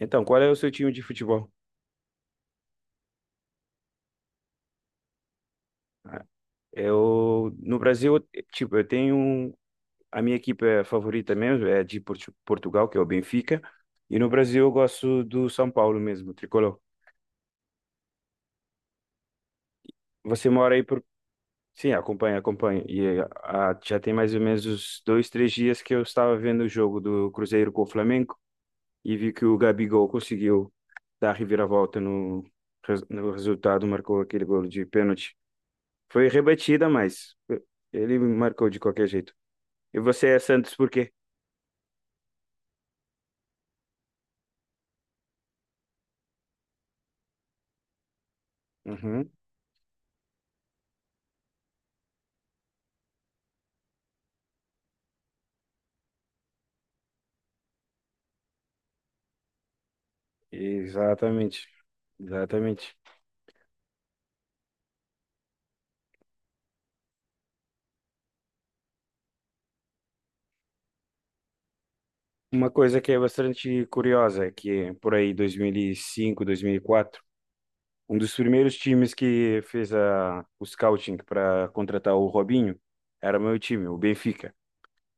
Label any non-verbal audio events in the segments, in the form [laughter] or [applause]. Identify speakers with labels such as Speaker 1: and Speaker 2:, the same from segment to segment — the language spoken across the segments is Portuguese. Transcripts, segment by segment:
Speaker 1: Então, qual é o seu time de futebol? Ah, eu, no Brasil, eu tenho um, a minha equipe é favorita mesmo, é de Portugal, que é o Benfica, e no Brasil eu gosto do São Paulo mesmo, tricolor. Você mora aí por... Sim, acompanha. E já tem mais ou menos uns dois, três dias que eu estava vendo o jogo do Cruzeiro com o Flamengo e vi que o Gabigol conseguiu dar a reviravolta no resultado, marcou aquele gol de pênalti. Foi rebatida, mas ele marcou de qualquer jeito. E você é Santos por quê? Uhum, exatamente, exatamente. Uma coisa que é bastante curiosa, é que por aí 2005, 2004, um dos primeiros times que fez o scouting para contratar o Robinho era meu time, o Benfica.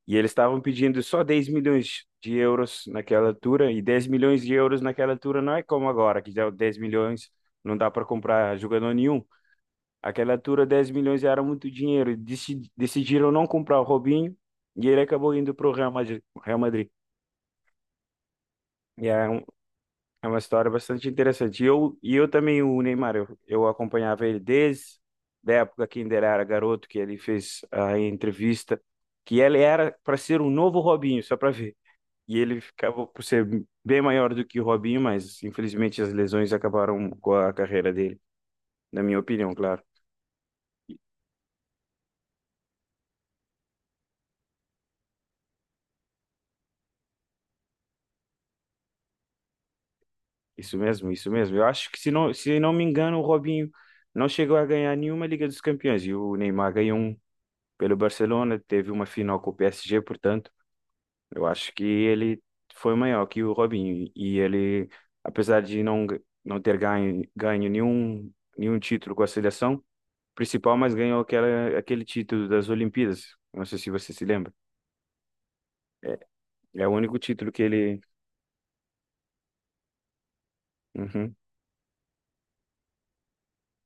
Speaker 1: E eles estavam pedindo só 10 milhões de euros naquela altura, e 10 milhões de euros naquela altura não é como agora, que já 10 milhões não dá para comprar jogador nenhum. Aquela altura, 10 milhões era muito dinheiro. Decidiram não comprar o Robinho e ele acabou indo para o Real Madrid. Real Madrid. E é, é uma história bastante interessante. E eu também, o Neymar, eu acompanhava ele desde da época que ainda era garoto, que ele fez a entrevista, que ele era para ser um novo Robinho, só para ver. E ele ficava por ser bem maior do que o Robinho, mas infelizmente as lesões acabaram com a carreira dele, na minha opinião, claro. Isso mesmo, isso mesmo. Eu acho que, se não me engano, o Robinho não chegou a ganhar nenhuma Liga dos Campeões. E o Neymar ganhou um pelo Barcelona, teve uma final com o PSG, portanto, eu acho que ele foi maior que o Robinho. E ele, apesar de não ter nenhum título com a seleção principal, mas ganhou aquela, aquele título das Olimpíadas. Não sei se você se lembra. É, é o único título que ele. Uhum.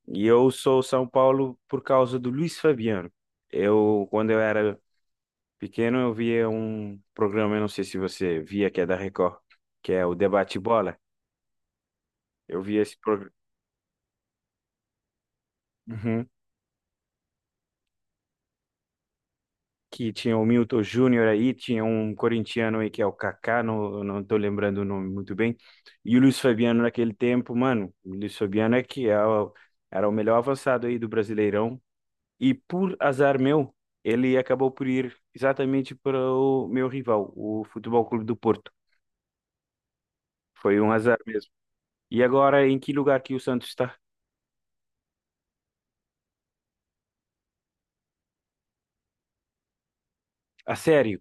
Speaker 1: E eu sou São Paulo por causa do Luiz Fabiano. Eu, quando eu era pequeno, eu via um programa, eu não sei se você via, que é da Record, que é o Debate Bola. Eu via esse programa que tinha o Milton Júnior aí, tinha um corintiano aí que é o Kaká, não tô lembrando o nome muito bem. E o Luiz Fabiano naquele tempo, mano, o Luiz Fabiano é era o melhor avançado aí do Brasileirão. E por azar meu, ele acabou por ir exatamente para o meu rival, o Futebol Clube do Porto. Foi um azar mesmo. E agora, em que lugar que o Santos está? A sério.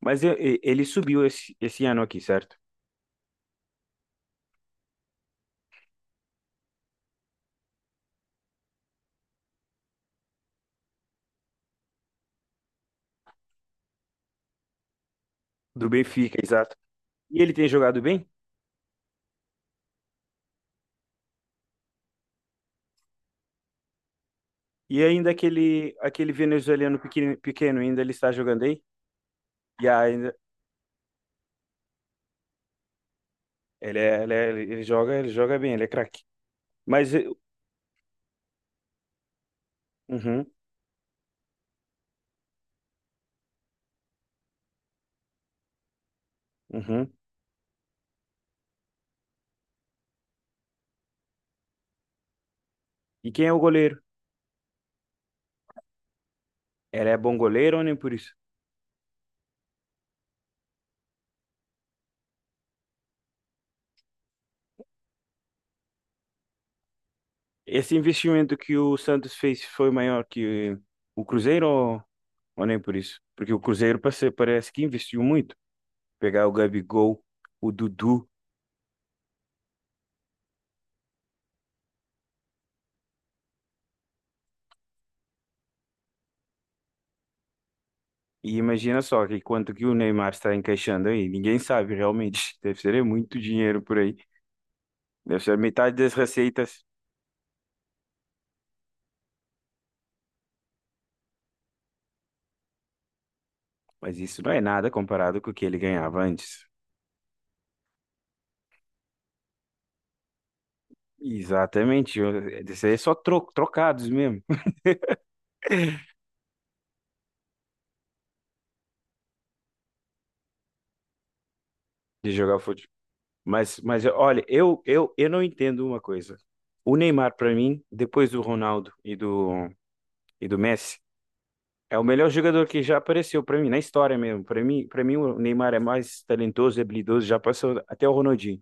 Speaker 1: Mas ele subiu esse ano aqui, certo? Do Benfica, exato. E ele tem jogado bem? E ainda aquele, aquele venezuelano pequeno, pequeno, ainda ele está jogando aí? E ainda, ele joga bem, ele é craque. Mas, uhum, uhum. E quem é o goleiro? Ele é bom goleiro ou nem por isso? Esse investimento que o Santos fez foi maior que o Cruzeiro ou nem por isso? Porque o Cruzeiro parece que investiu muito. Pegar o Gabigol, o Dudu, e imagina só que quanto que o Neymar está encaixando aí. Ninguém sabe realmente. [laughs] Deve ser muito dinheiro por aí. Deve ser metade das receitas. Mas isso não é nada comparado com o que ele ganhava antes. Exatamente. Isso aí é só trocados mesmo. [laughs] De jogar. Mas olha, eu não entendo uma coisa. O Neymar, pra mim, depois do Ronaldo e do Messi, é o melhor jogador que já apareceu pra mim, na história mesmo. Para mim, o Neymar é mais talentoso e habilidoso, já passou até o Ronaldinho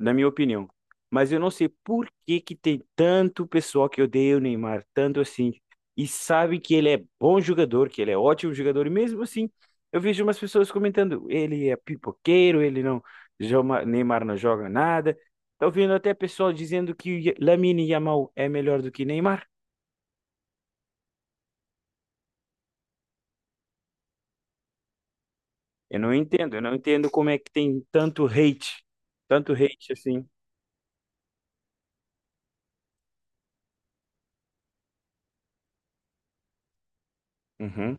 Speaker 1: na minha opinião. Mas eu não sei por que que tem tanto pessoal que odeia o Neymar, tanto assim, e sabe que ele é bom jogador, que ele é ótimo jogador, e mesmo assim, eu vejo umas pessoas comentando, ele é pipoqueiro, ele não, joma- Neymar não joga nada. Tô ouvindo até pessoal dizendo que o Lamine Yamal é melhor do que Neymar. Eu não entendo como é que tem tanto hate assim. Uhum.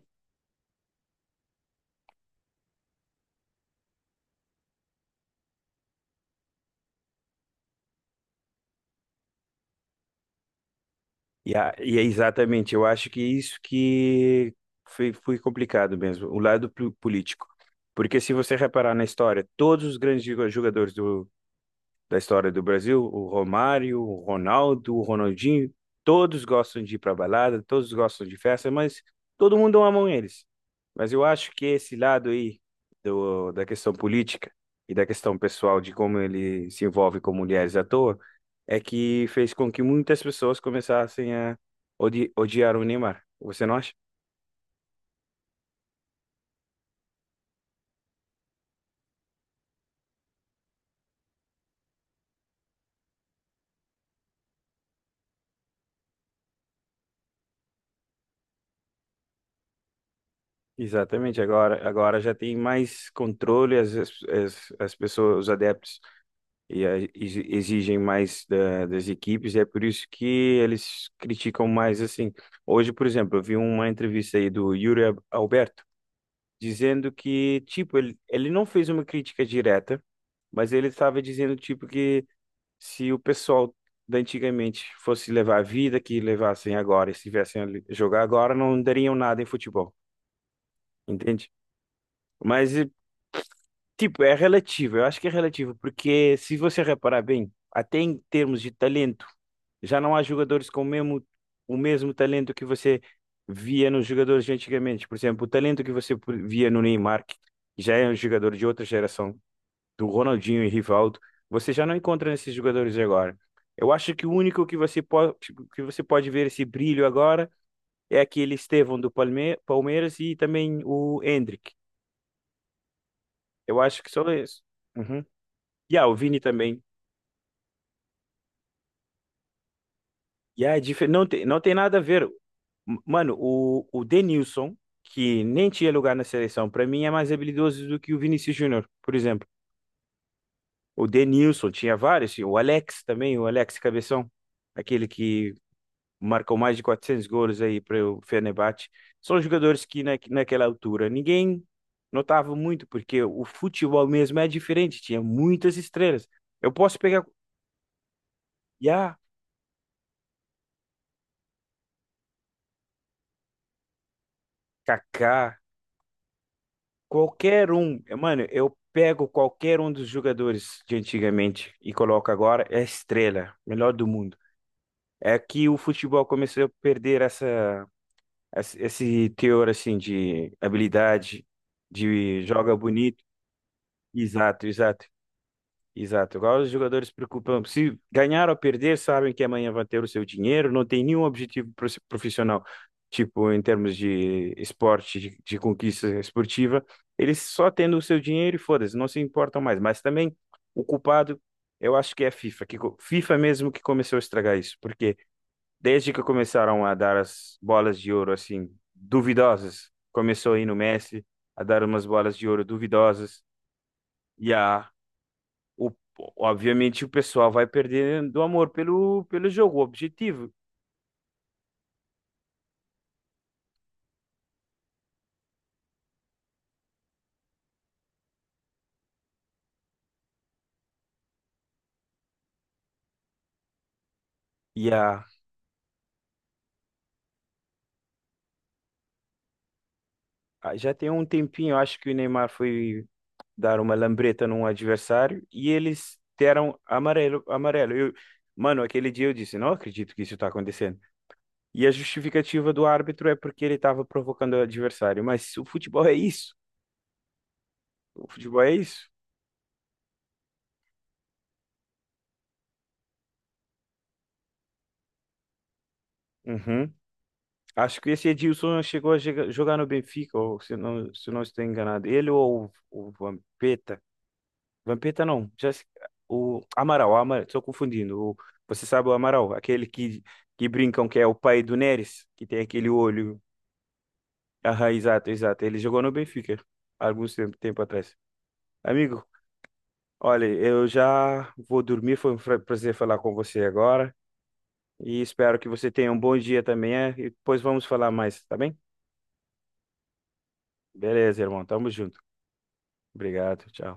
Speaker 1: E é exatamente, eu acho que é isso que foi complicado mesmo, o político. Porque se você reparar na história, todos os grandes da história do Brasil, o Romário, o Ronaldo, o Ronaldinho, todos gostam de ir para balada, todos gostam de festa, mas todo mundo ama um eles. Mas eu acho que esse lado aí da questão política e da questão pessoal de como ele se envolve com mulheres à toa é que fez com que muitas pessoas começassem a odiar o Neymar. Você não acha? Exatamente, agora já tem mais controle, as pessoas, os adeptos e exigem mais das equipes, e é por isso que eles criticam mais assim. Hoje, por exemplo, eu vi uma entrevista aí do Yuri Alberto dizendo que, tipo, ele não fez uma crítica direta, mas ele estava dizendo, tipo, que se o pessoal da antigamente fosse levar a vida que levassem agora, e se tivessem a jogar agora, não dariam nada em futebol, entende? Mas tipo, é relativo, eu acho que é relativo, porque se você reparar bem, até em termos de talento, já não há jogadores com o mesmo talento que você via nos jogadores de antigamente. Por exemplo, o talento que você via no Neymar, que já é um jogador de outra geração, do Ronaldinho e Rivaldo, você já não encontra nesses jogadores agora. Eu acho que o único que você pode ver esse brilho agora é aquele Estevão do Palmeiras e também o Endrick. Eu acho que só isso. Uhum. E o Vini também. E não tem, não tem nada a ver. Mano, o Denilson, que nem tinha lugar na seleção, pra mim é mais habilidoso do que o Vinícius Júnior, por exemplo. O Denilson tinha vários, o Alex também, o Alex Cabeção, aquele que marcou mais de 400 gols aí para o Fenerbahçe. São jogadores que naquela altura ninguém notava muito, porque o futebol mesmo é diferente, tinha muitas estrelas. Eu posso pegar. E Kaká, qualquer um. É, mano, eu pego qualquer um dos jogadores de antigamente e coloco agora, é estrela, melhor do mundo. É que o futebol começou a perder esse teor assim de habilidade, de joga bonito. Exato, exato. Exato, igual os jogadores se preocupam. Se ganhar ou perder, sabem que amanhã vão ter o seu dinheiro, não tem nenhum objetivo profissional, tipo em termos de esporte, de conquista esportiva. Eles só tendo o seu dinheiro e foda-se, não se importam mais. Mas também o culpado, eu acho que é a FIFA, FIFA mesmo que começou a estragar isso, porque desde que começaram a dar as bolas de ouro assim, duvidosas, começou aí no Messi a dar umas bolas de ouro duvidosas. E a o- Obviamente o pessoal vai perdendo o amor pelo jogo, o objetivo. E a, Já tem um tempinho, eu acho que o Neymar foi dar uma lambreta num adversário e eles deram amarelo. Eu, mano, aquele dia eu disse, não acredito que isso está acontecendo. E a justificativa do árbitro é porque ele estava provocando o adversário. Mas o futebol é isso. O futebol é isso. Uhum. Acho que esse Edilson chegou a jogar no Benfica, ou se não estou enganado. Ele ou o Vampeta. Vampeta não. Já, se- O Amaral, Amaral, estou confundindo. Você sabe o Amaral, que brincam que é o pai do Neres, que tem aquele olho. Ah, exato, exato. Ele jogou no Benfica há alguns tempo, tempo atrás. Amigo, olha, eu já vou dormir. Foi um prazer falar com você agora. E espero que você tenha um bom dia também. É? E depois vamos falar mais, tá bem? Beleza, irmão. Tamo junto. Obrigado. Tchau.